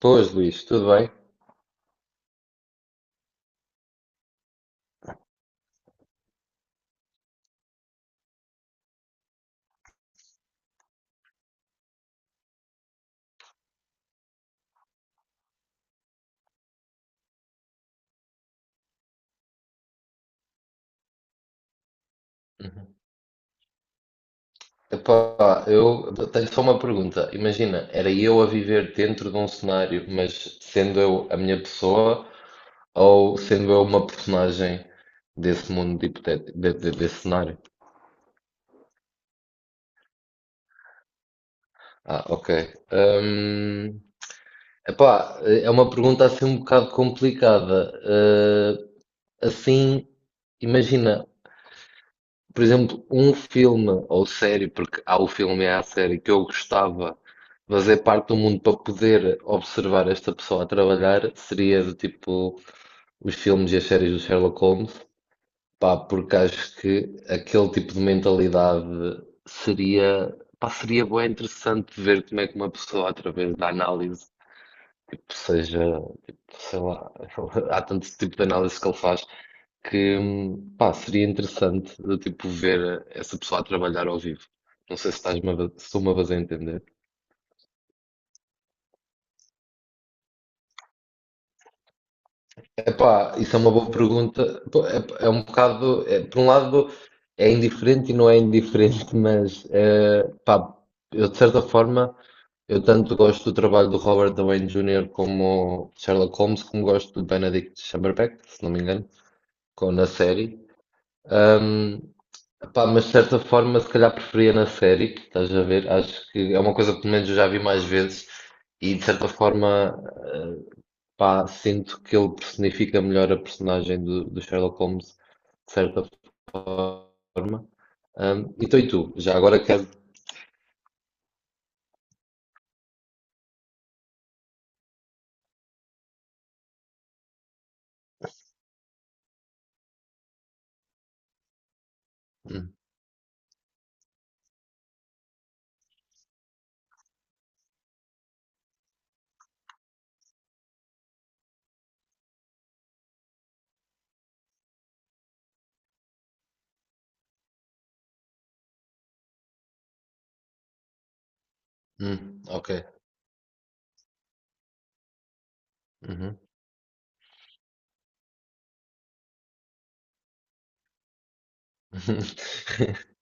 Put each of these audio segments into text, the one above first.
Pois, Luís, tudo bem? Uhum. Epá, eu tenho só uma pergunta. Imagina, era eu a viver dentro de um cenário, mas sendo eu a minha pessoa ou sendo eu uma personagem desse mundo hipotético, desse cenário? Ah, ok. Hum, epá, é uma pergunta assim um bocado complicada. Assim, imagina. Por exemplo, um filme ou série, porque há o filme e há a série que eu gostava de fazer parte do mundo para poder observar esta pessoa a trabalhar, seria do tipo os filmes e as séries do Sherlock Holmes, pá, porque acho que aquele tipo de mentalidade seria, pá, seria bué interessante ver como é que uma pessoa, através da análise, tipo, seja, tipo, sei lá, há tanto tipo de análise que ele faz, que pá, seria interessante de, tipo, ver essa pessoa a trabalhar ao vivo. Não sei se se estou-me a fazer entender. Epá, isso é uma boa pergunta. Pô, é, é um bocado, é, por um lado, é indiferente e não é indiferente, mas pá, eu de certa forma, eu tanto gosto do trabalho do Robert Downey Jr. como Sherlock Holmes, como gosto do Benedict Cumberbatch, se não me engano, com, na série. Pá, mas de certa forma, se calhar preferia na série, estás a ver? Acho que é uma coisa que pelo menos eu já vi mais vezes e de certa forma, eh, pá, sinto que ele personifica melhor a personagem do Sherlock Holmes, de certa forma. Então, e tu? Já agora quero. Hum, ok. Uhum.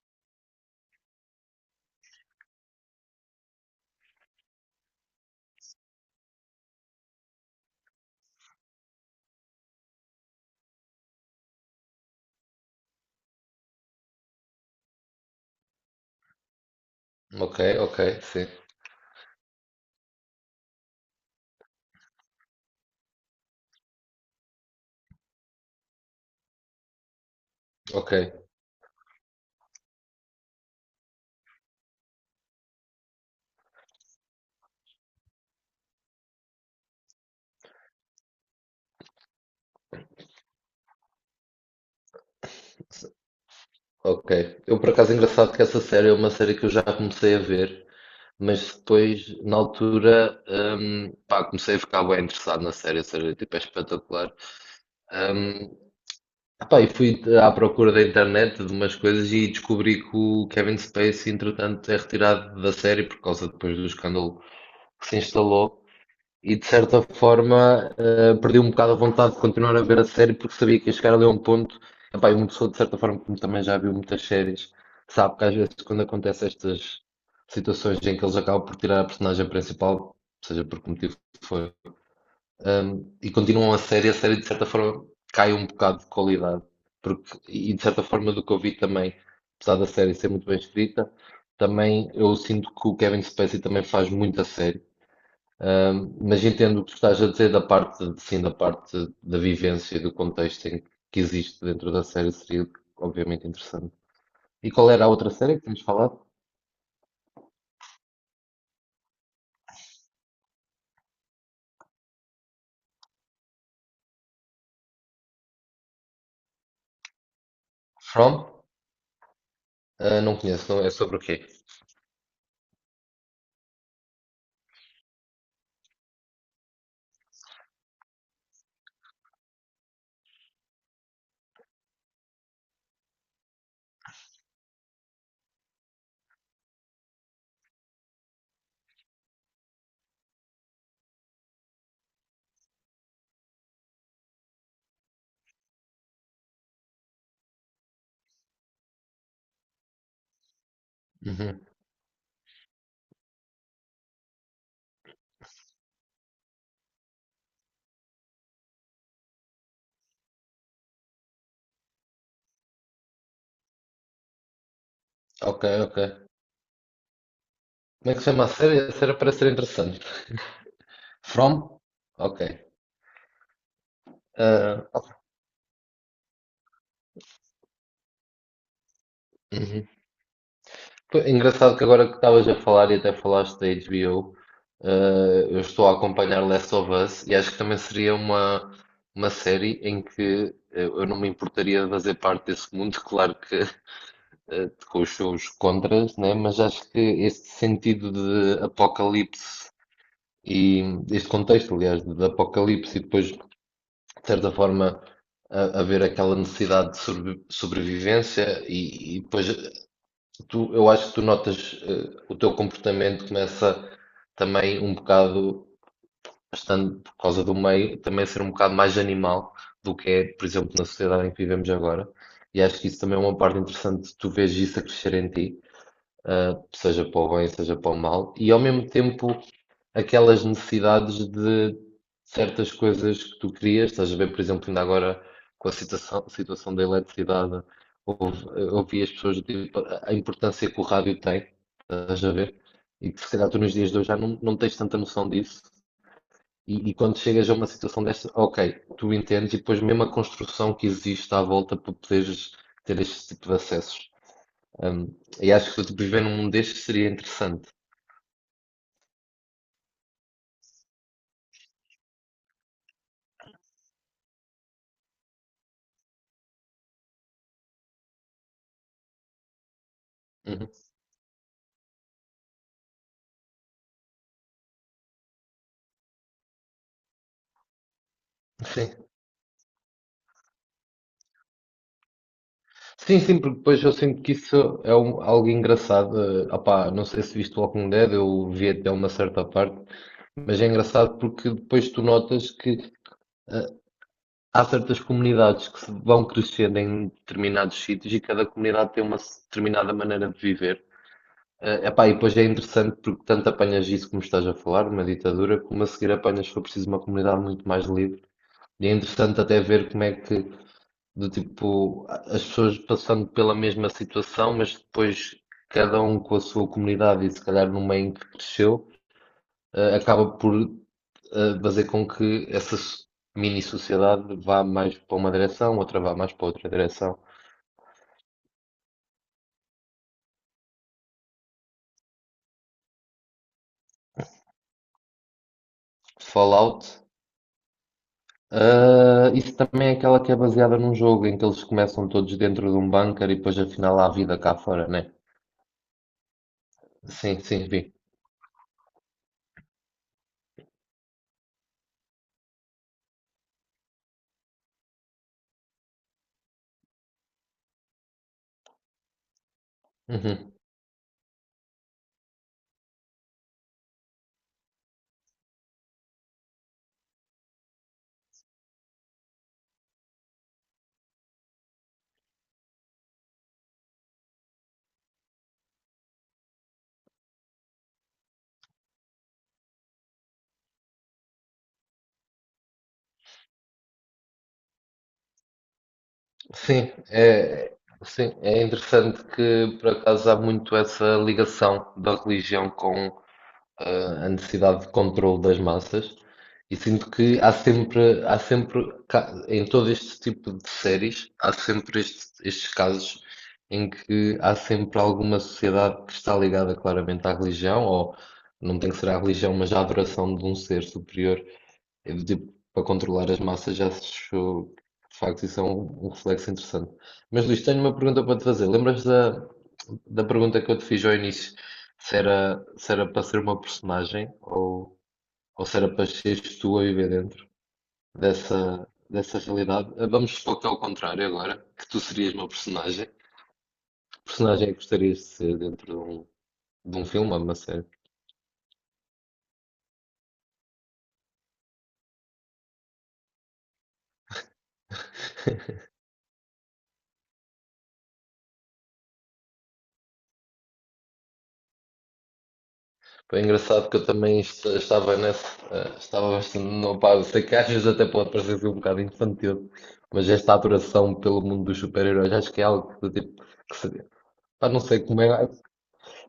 Ok, ok, sim, ok. Ok. Eu, por acaso, é engraçado que essa série é uma série que eu já comecei a ver, mas depois, na altura, pá, comecei a ficar bem interessado na série, a série tipo, é espetacular. Hum, Pá, e fui à procura da internet de umas coisas e descobri que o Kevin Spacey, entretanto, é retirado da série por causa depois do escândalo que se instalou. E de certa forma perdi um bocado a vontade de continuar a ver a série porque sabia que ia chegar ali a um ponto. Epá, e uma pessoa, de certa forma, como também já viu muitas séries, sabe que às vezes quando acontecem estas situações em que eles acabam por tirar a personagem principal, seja por que motivo foi, e continuam a série de certa forma cai um bocado de qualidade. Porque, e de certa forma, do que eu vi também, apesar da série ser muito bem escrita, também eu sinto que o Kevin Spacey também faz muita série. Mas entendo o que tu estás a dizer da parte, sim, da parte da vivência e do contexto em que existe dentro da série seria obviamente interessante. E qual era a outra série que tínhamos falado? From? Ah, não conheço, não é sobre o quê? Uhum. Ok, ok. Como é que se chama a série? A série parece ser interessante. From? Ok. Ah, ok. Uhum. Pô, é engraçado que agora que estavas a falar e até falaste da HBO, eu estou a acompanhar Last of Us e acho que também seria uma série em que eu não me importaria de fazer parte desse mundo, claro que com os seus contras, né? Mas acho que este sentido de apocalipse e este contexto, aliás, de apocalipse e depois, de certa forma, haver aquela necessidade de sobrevivência e depois tu, eu acho que tu notas, o teu comportamento começa também um bocado, estando por causa do meio, também a ser um bocado mais animal do que é, por exemplo, na sociedade em que vivemos agora. E acho que isso também é uma parte interessante, tu vês isso a crescer em ti seja para o bem, seja para o mal, e ao mesmo tempo aquelas necessidades de certas coisas que tu querias. Estás a ver, por exemplo, ainda agora com a situação da eletricidade, houve- ouvi as pessoas dizer a importância que o rádio tem, estás a ver? E que se calhar tu nos dias de hoje já não, não tens tanta noção disso. E quando chegas a uma situação desta, ok, tu entendes, e depois mesmo a construção que existe à volta para poderes ter este tipo de acessos. Um, e acho que se eu depois viver num mundo deste seria interessante. Uhum. Sim. Sim, sim, porque depois eu sinto que isso é algo engraçado. Ah, opá, não sei se viste o Walking Dead, eu vi até uma certa parte, mas é engraçado porque depois tu notas que eh, há certas comunidades que se vão crescendo em determinados sítios e cada comunidade tem uma determinada maneira de viver. Ah, epá, e depois é interessante porque tanto apanhas isso como estás a falar, uma ditadura, como a seguir apanhas, se for preciso, uma comunidade muito mais livre. E é interessante até ver como é que. Do tipo, as pessoas passando pela mesma situação, mas depois cada um com a sua comunidade e se calhar no meio em que cresceu, acaba por fazer com que essa mini sociedade vá mais para uma direção, outra vá mais para outra direção. Fallout, isso também é aquela que é baseada num jogo em que eles começam todos dentro de um bunker e depois afinal há vida cá fora, né? Sim, sim, vi. Uhum. Sim, é, sim, é interessante que por acaso há muito essa ligação da religião com a necessidade de controle das massas e sinto que há sempre em todo este tipo de séries, há sempre estes casos em que há sempre alguma sociedade que está ligada claramente à religião ou não tem que ser à religião, mas à adoração de um ser superior eu, do tipo, para controlar as massas já acho que de facto isso é um, um reflexo interessante. Mas Luís, tenho uma pergunta para te fazer. Lembras da, da pergunta que eu te fiz ao início? Se era, se era para ser uma personagem ou se era para seres tu a viver dentro dessa, dessa realidade? Vamos supor que é ao contrário agora, que tu serias uma personagem. Que personagem é que gostarias de ser dentro de um filme ou de uma série? Foi engraçado que eu também estava nesse, estava bastante, não, pá, eu sei que às vezes até pode parecer ser um bocado infantil, mas esta adoração pelo mundo dos super-heróis acho que é algo que, do tipo, que se, pá, não sei como é,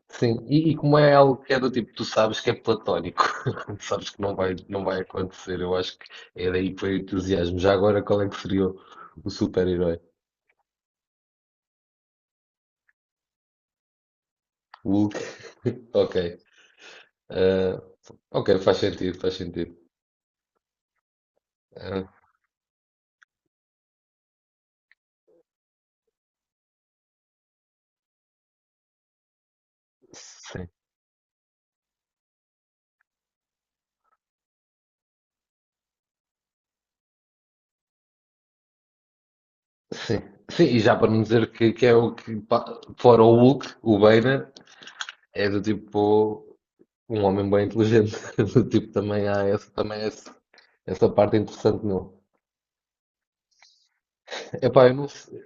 sim, e como é algo que é do tipo, tu sabes que é platónico, sabes que não vai, não vai acontecer, eu acho que é daí que foi o entusiasmo. Já agora, qual é que seria o super-herói? Hulk? Ok. Eh, ok, faz sentido, faz sentido. Eh, sim. Sim, sim, e já para não dizer que é o que, pá, fora o Hulk, o Banner, é do tipo um homem bem inteligente, do tipo também há essa, também essa parte interessante nele. Epá, eu não sei,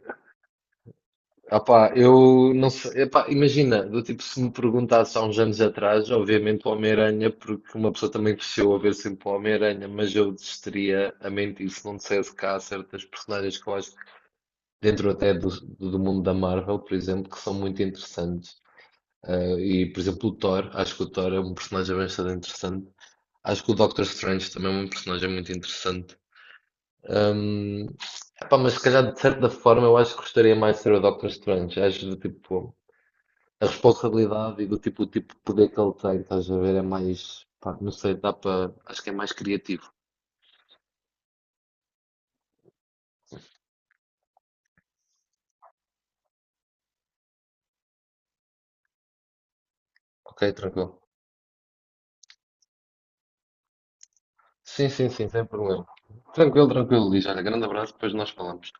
epá, eu não sei, epá, imagina, do tipo se me perguntasse há uns anos atrás, obviamente o Homem-Aranha, porque uma pessoa também cresceu a ver sempre o Homem-Aranha, mas eu desistiria a mentir se não dissesse que há certas personagens que eu acho que dentro até do, do mundo da Marvel, por exemplo, que são muito interessantes. E, por exemplo, o Thor, acho que o Thor é um personagem bastante interessante. Acho que o Doctor Strange também é um personagem muito interessante. Hum, Epá, mas se calhar, de certa forma, eu acho que gostaria mais de ser o Doctor Strange. Acho do tipo, a responsabilidade e do tipo, o tipo de poder que ele tem, estás a ver, é mais, pá, não sei, dá para, acho que é mais criativo. Ok, tranquilo. Sim, sim, sim, sem problema. Tranquilo, tranquilo, Luís. Olha, grande abraço, depois nós falamos.